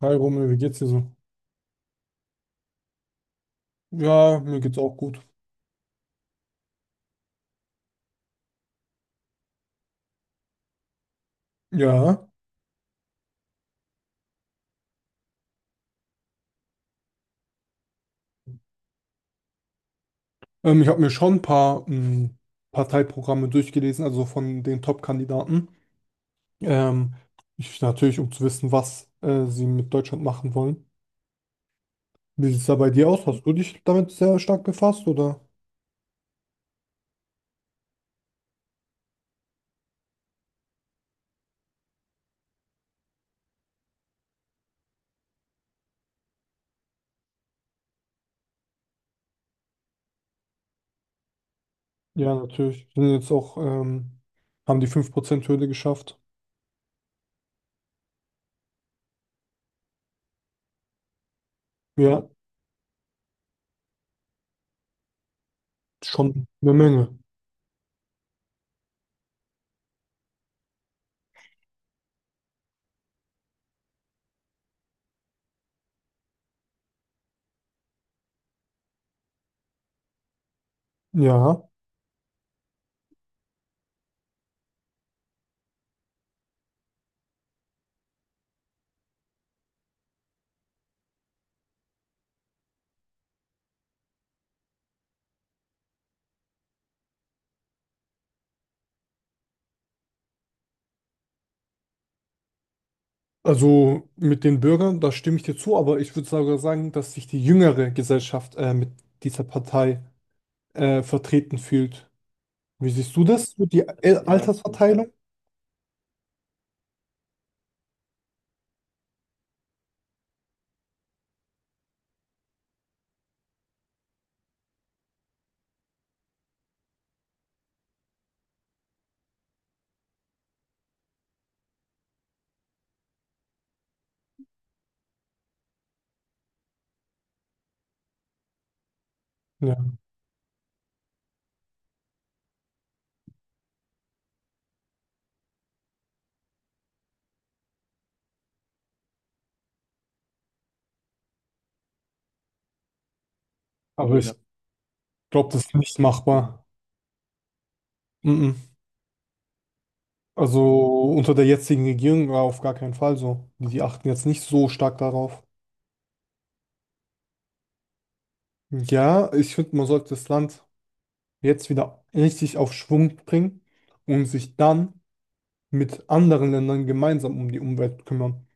Hi Romeo, wie geht's dir so? Ja, mir geht's auch gut. Ja, Ich habe mir schon ein paar Parteiprogramme durchgelesen, also von den Top-Kandidaten. Ähm, Ich natürlich, um zu wissen, was sie mit Deutschland machen wollen. Wie sieht's da bei dir aus? Hast du dich damit sehr stark befasst, oder? Ja, natürlich. Haben die 5% hürde geschafft. Ja, schon eine Menge. Ja. Also mit den Bürgern, da stimme ich dir zu, aber ich würde sogar sagen, dass sich die jüngere Gesellschaft mit dieser Partei vertreten fühlt. Wie siehst du das mit der Altersverteilung? Ja, ja, ich glaube, das ist nicht machbar. Mhm. Also unter der jetzigen Regierung war auf gar keinen Fall so. Die achten jetzt nicht so stark darauf. Ja, ich finde, man sollte das Land jetzt wieder richtig auf Schwung bringen und sich dann mit anderen Ländern gemeinsam um die Umwelt kümmern.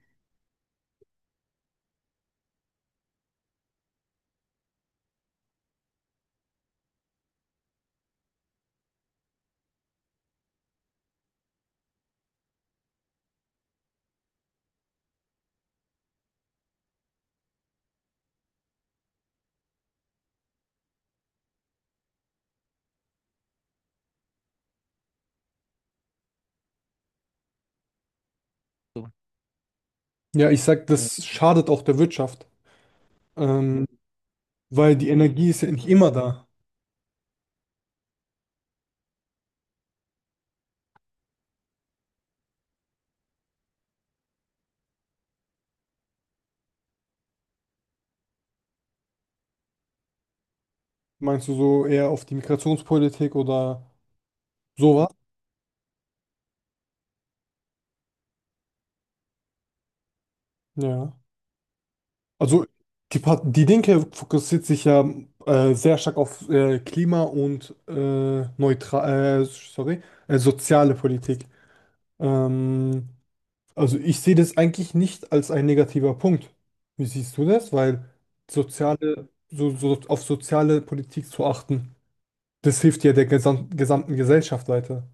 Ja, ich sag, das schadet auch der Wirtschaft, ähm, weil die Energie ist ja nicht immer da. Meinst du so eher auf die Migrationspolitik oder sowas? Ja. Also die Linke fokussiert sich ja sehr stark auf Klima und sorry, soziale Politik. Ähm, also ich sehe das eigentlich nicht als ein negativer Punkt. Wie siehst du das? Weil so auf soziale Politik zu achten. Das hilft ja der gesamten Gesellschaft weiter.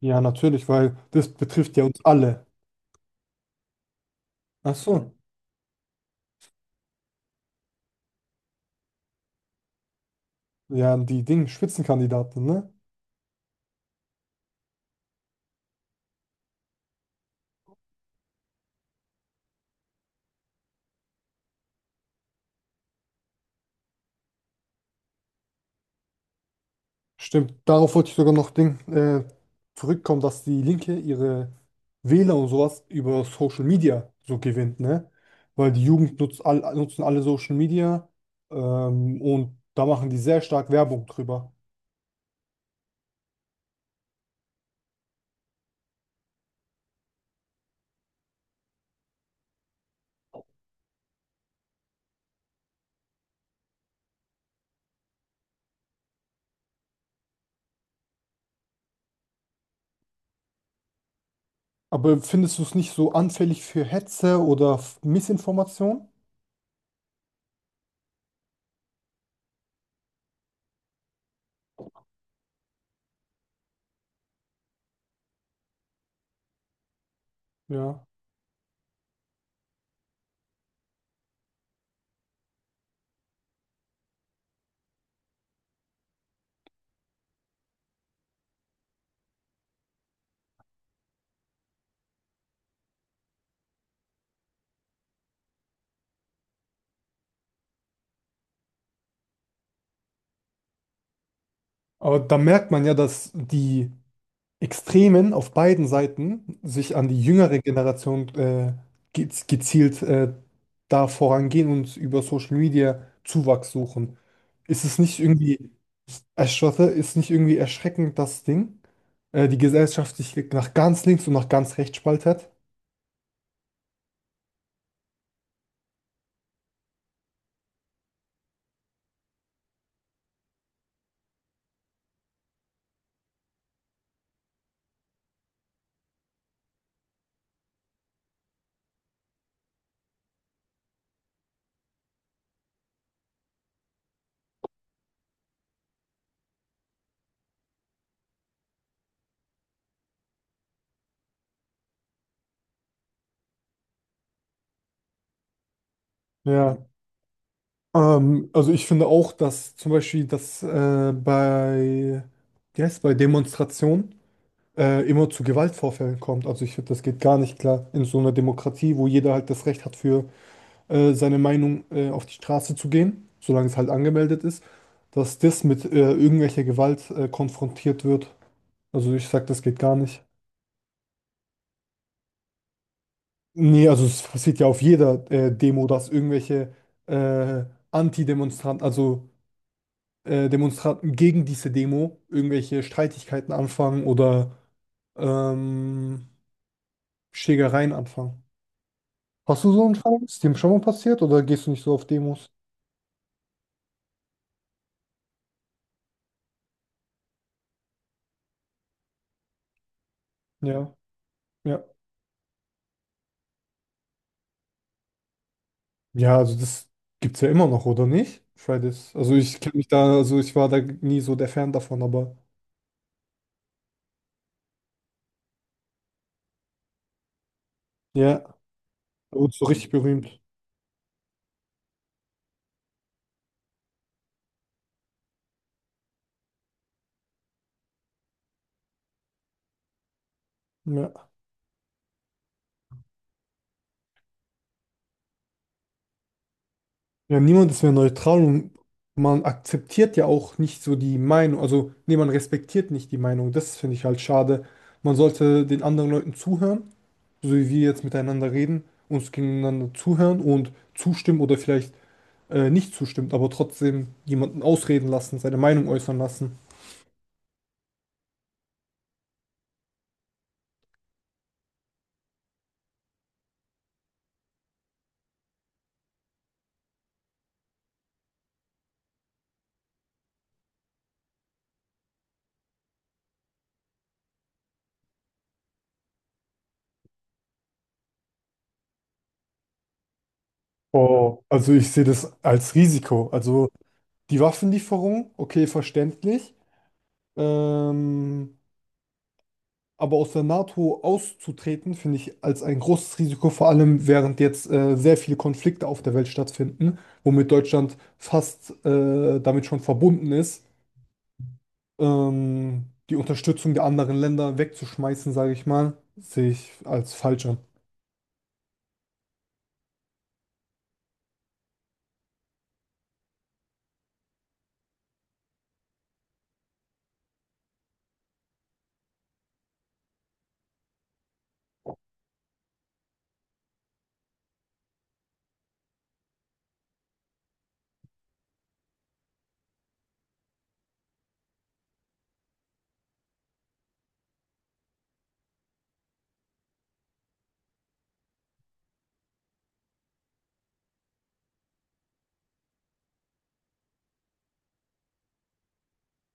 Ja, natürlich, weil das betrifft ja uns alle. Ach so. Ja, die Ding, Spitzenkandidaten, ne? Stimmt, darauf wollte ich sogar noch zurückkommen, dass die Linke ihre Wähler und sowas über Social Media so gewinnt, ne? Weil die Jugend nutzt all, nutzen alle Social Media, und da machen die sehr stark Werbung drüber. Aber findest du es nicht so anfällig für Hetze oder Missinformation? Ja. Aber da merkt man ja, dass die Extremen auf beiden Seiten sich an die jüngere Generation gezielt da vorangehen und über Social Media Zuwachs suchen. Ist es nicht irgendwie ist nicht irgendwie erschreckend, die Gesellschaft sich nach ganz links und nach ganz rechts spaltet? Ja. Also ich finde auch, dass zum Beispiel das bei, wie heißt bei Demonstrationen immer zu Gewaltvorfällen kommt. Also ich finde, das geht gar nicht klar in so einer Demokratie, wo jeder halt das Recht hat, für seine Meinung auf die Straße zu gehen, solange es halt angemeldet ist, dass das mit irgendwelcher Gewalt konfrontiert wird. Also ich sag, das geht gar nicht. Nee, also es passiert ja auf jeder Demo, dass irgendwelche äh, Anti-Demonstranten, also Demonstranten gegen diese Demo irgendwelche Streitigkeiten anfangen oder ähm, Schlägereien anfangen. Hast du so einen Fall? Ist dir schon mal passiert oder gehst du nicht so auf Demos? Ja, ja. Ja, also das gibt es ja immer noch, oder nicht? Fridays. Also ich kenne mich da, also ich war da nie so der Fan davon, aber ja, da wurde so richtig berühmt. Ja. Ja, niemand ist mehr neutral und man akzeptiert ja auch nicht so die Meinung. Also, nee, man respektiert nicht die Meinung. Das finde ich halt schade. Man sollte den anderen Leuten zuhören, so wie wir jetzt miteinander reden, uns gegeneinander zuhören und zustimmen oder vielleicht nicht zustimmt aber trotzdem jemanden ausreden lassen, seine Meinung äußern lassen. Oh, also ich sehe das als Risiko. Also die Waffenlieferung, okay, verständlich. Ähm, Aber aus der NATO auszutreten, finde ich als ein großes Risiko, vor allem während jetzt sehr viele Konflikte auf der Welt stattfinden, womit Deutschland fast damit schon verbunden ist, die Unterstützung der anderen Länder wegzuschmeißen, sage ich mal, sehe ich als falsch an.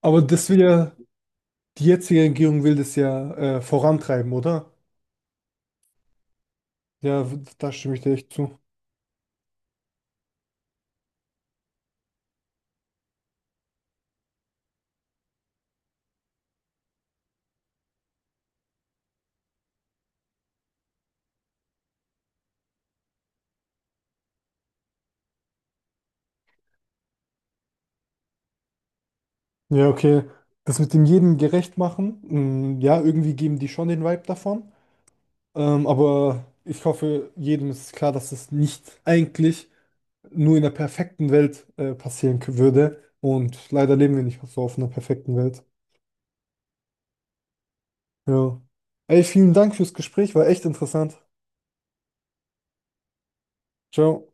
Aber das will ja, Die jetzige Regierung will das ja vorantreiben, oder? Da stimme ich dir echt zu. Ja, okay. Das mit dem jedem gerecht machen, mh, ja, irgendwie geben die schon den Vibe davon. Aber ich hoffe, jedem ist klar, dass es nicht eigentlich nur in der perfekten Welt würde. Und leider leben wir nicht so auf einer perfekten Welt. Ja. Ey, vielen Dank fürs Gespräch, war echt interessant. Ciao.